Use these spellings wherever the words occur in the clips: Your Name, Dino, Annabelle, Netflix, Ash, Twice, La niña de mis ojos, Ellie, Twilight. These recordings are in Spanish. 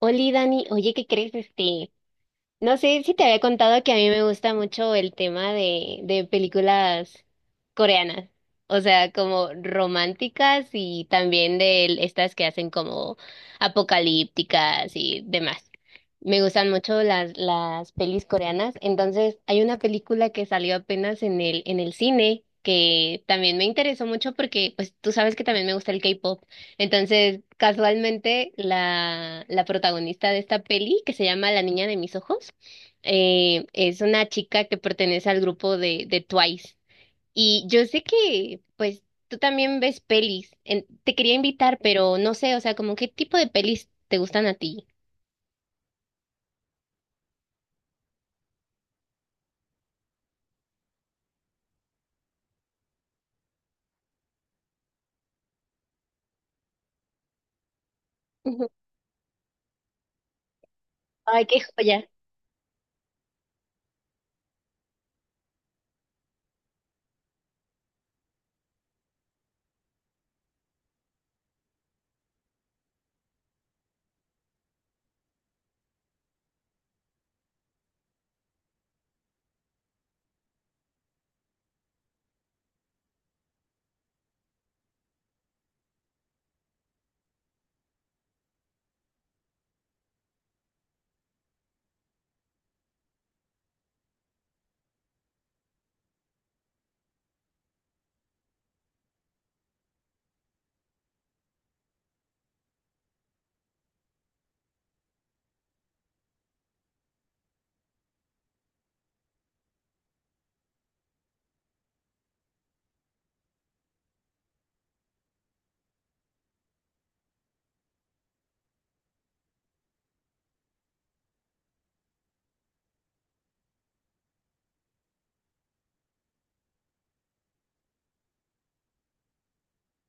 Oli, Dani, oye, ¿qué crees? No sé si te había contado que a mí me gusta mucho el tema de películas coreanas, o sea, como románticas y también de estas que hacen como apocalípticas y demás. Me gustan mucho las pelis coreanas, entonces hay una película que salió apenas en el cine que también me interesó mucho porque, pues, tú sabes que también me gusta el K-pop. Entonces, casualmente, la protagonista de esta peli, que se llama La Niña de Mis Ojos, es una chica que pertenece al grupo de Twice. Y yo sé que, pues, tú también ves pelis. Te quería invitar, pero no sé, o sea, como qué tipo de pelis te gustan a ti. Ujú. Ay, qué joya.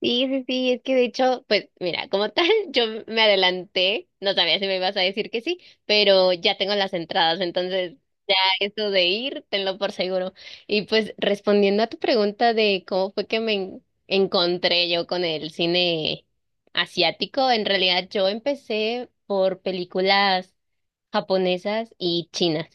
Sí, sí, sí, es que de hecho, pues mira, como tal, yo me adelanté, no sabía si me ibas a decir que sí, pero ya tengo las entradas, entonces eso de ir, tenlo por seguro. Y pues respondiendo a tu pregunta de cómo fue que encontré yo con el cine asiático, en realidad yo empecé por películas japonesas y chinas.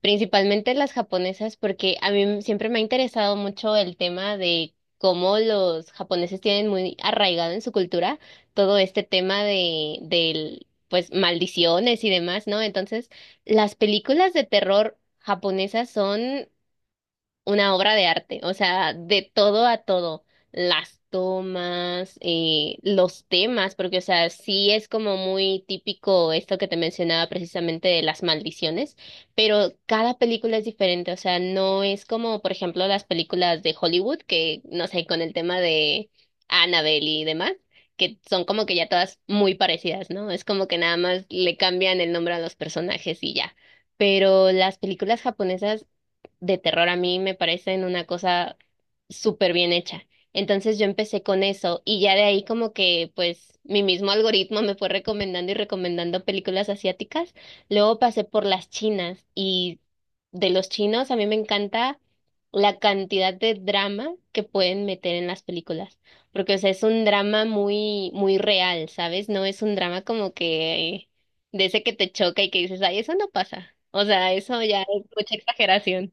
Principalmente las japonesas porque a mí siempre me ha interesado mucho el tema de cómo los japoneses tienen muy arraigado en su cultura todo este tema de del pues maldiciones y demás, ¿no? Entonces, las películas de terror japonesas son una obra de arte, o sea, de todo a todo, las tomas, los temas, porque, o sea, sí es como muy típico esto que te mencionaba precisamente de las maldiciones, pero cada película es diferente, o sea, no es como, por ejemplo, las películas de Hollywood, que, no sé, con el tema de Annabelle y demás, que son como que ya todas muy parecidas, ¿no? Es como que nada más le cambian el nombre a los personajes y ya. Pero las películas japonesas de terror a mí me parecen una cosa súper bien hecha. Entonces yo empecé con eso y ya de ahí como que pues mi mismo algoritmo me fue recomendando y recomendando películas asiáticas. Luego pasé por las chinas y de los chinos a mí me encanta la cantidad de drama que pueden meter en las películas, porque o sea, es un drama muy muy real, ¿sabes? No es un drama como que de ese que te choca y que dices, ay, eso no pasa. O sea, eso ya es mucha exageración.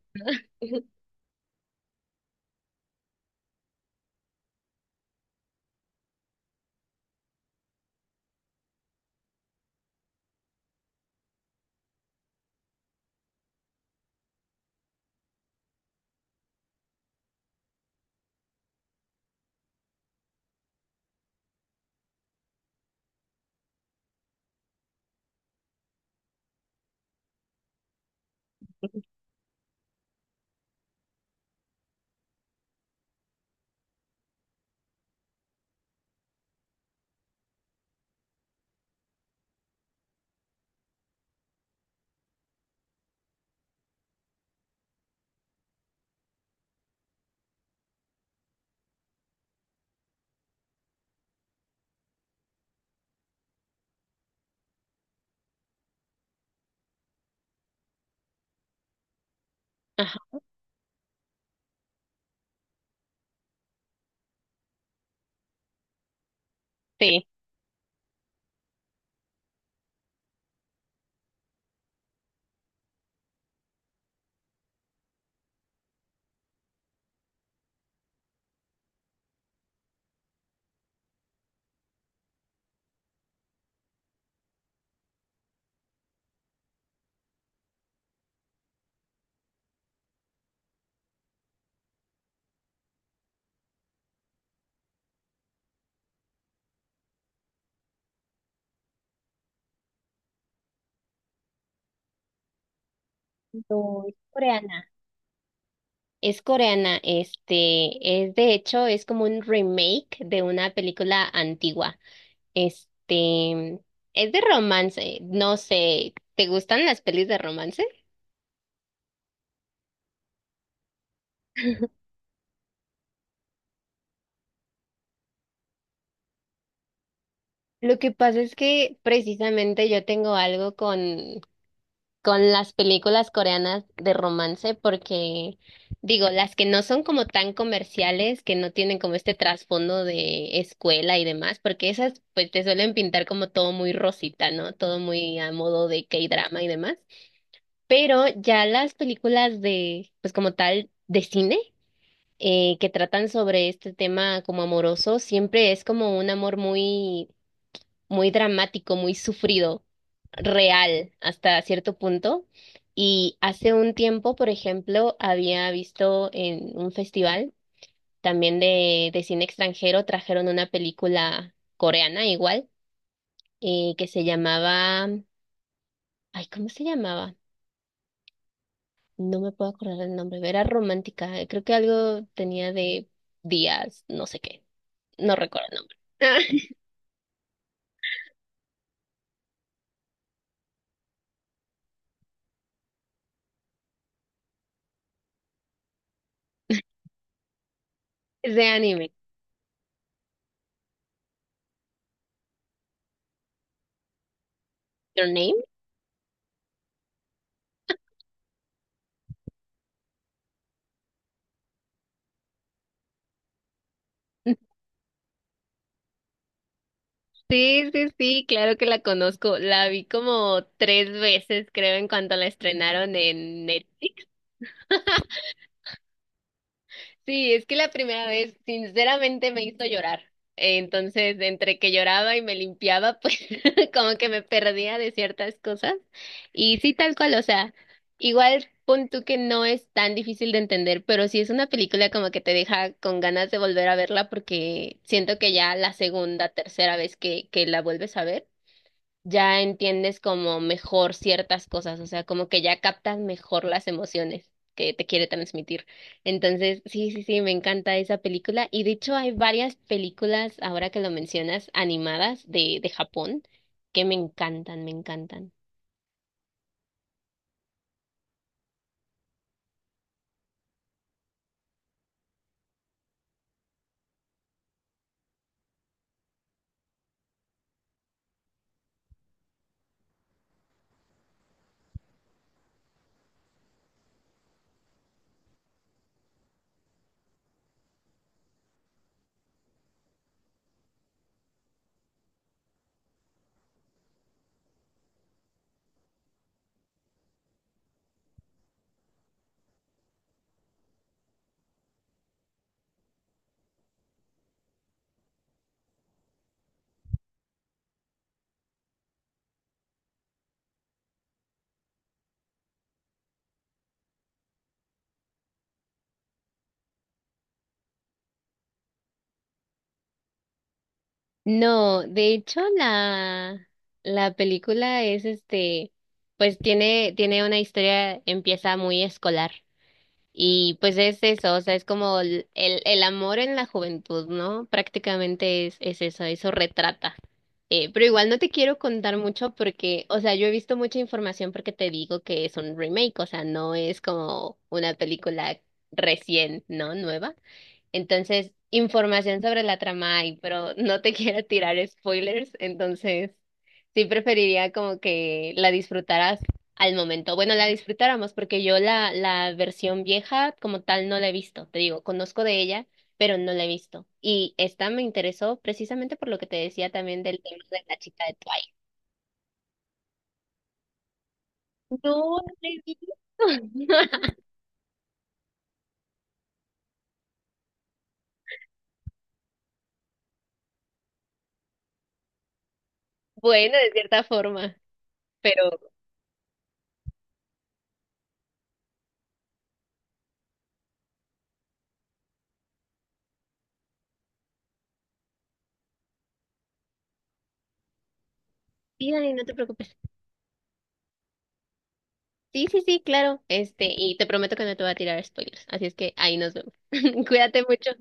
Ajá, sí. No, es coreana. Es coreana, este, es de hecho, es como un remake de una película antigua. Este, es de romance, no sé, ¿te gustan las pelis de romance? Lo que pasa es que precisamente yo tengo algo con las películas coreanas de romance porque, digo, las que no son como tan comerciales, que no tienen como este trasfondo de escuela y demás, porque esas pues te suelen pintar como todo muy rosita, ¿no? Todo muy a modo de K-drama y demás. Pero ya las películas de, pues como tal, de cine, que tratan sobre este tema como amoroso, siempre es como un amor muy muy dramático, muy sufrido, real hasta cierto punto. Y hace un tiempo, por ejemplo, había visto en un festival también de cine extranjero, trajeron una película coreana igual, que se llamaba, ay, ¿cómo se llamaba? No me puedo acordar el nombre, era romántica, creo que algo tenía de días, no sé qué, no recuerdo el nombre. De anime. Your Name. Sí, sí, sí, claro que la conozco. La vi como tres veces, creo, en cuanto la estrenaron en Netflix. Sí, es que la primera vez, sinceramente, me hizo llorar. Entonces, entre que lloraba y me limpiaba, pues como que me perdía de ciertas cosas. Y sí, tal cual, o sea, igual pon tú que no es tan difícil de entender, pero sí es una película como que te deja con ganas de volver a verla porque siento que ya la segunda, tercera vez que la vuelves a ver ya entiendes como mejor ciertas cosas, o sea, como que ya captas mejor las emociones que te quiere transmitir. Entonces, sí, sí, sí, me encanta esa película. Y de hecho hay varias películas, ahora que lo mencionas, animadas de Japón, que me encantan, me encantan. No, de hecho la película es este, pues tiene, tiene una historia, empieza muy escolar. Y pues es eso, o sea, es como el amor en la juventud, ¿no? Prácticamente es eso, eso retrata. Pero igual no te quiero contar mucho porque, o sea, yo he visto mucha información porque te digo que es un remake, o sea, no es como una película recién, ¿no? Nueva. Entonces, información sobre la trama hay, pero no te quiero tirar spoilers, entonces sí preferiría como que la disfrutaras al momento. Bueno, la disfrutáramos porque yo la versión vieja como tal no la he visto, te digo, conozco de ella, pero no la he visto. Y esta me interesó precisamente por lo que te decía también del tema de la chica de Twilight. No, no la he visto. Bueno, de cierta forma, pero... Mira, y no te preocupes. Sí, sí, sí, claro. Este, y te prometo que no te voy a tirar spoilers. Así es que ahí nos vemos. Cuídate mucho.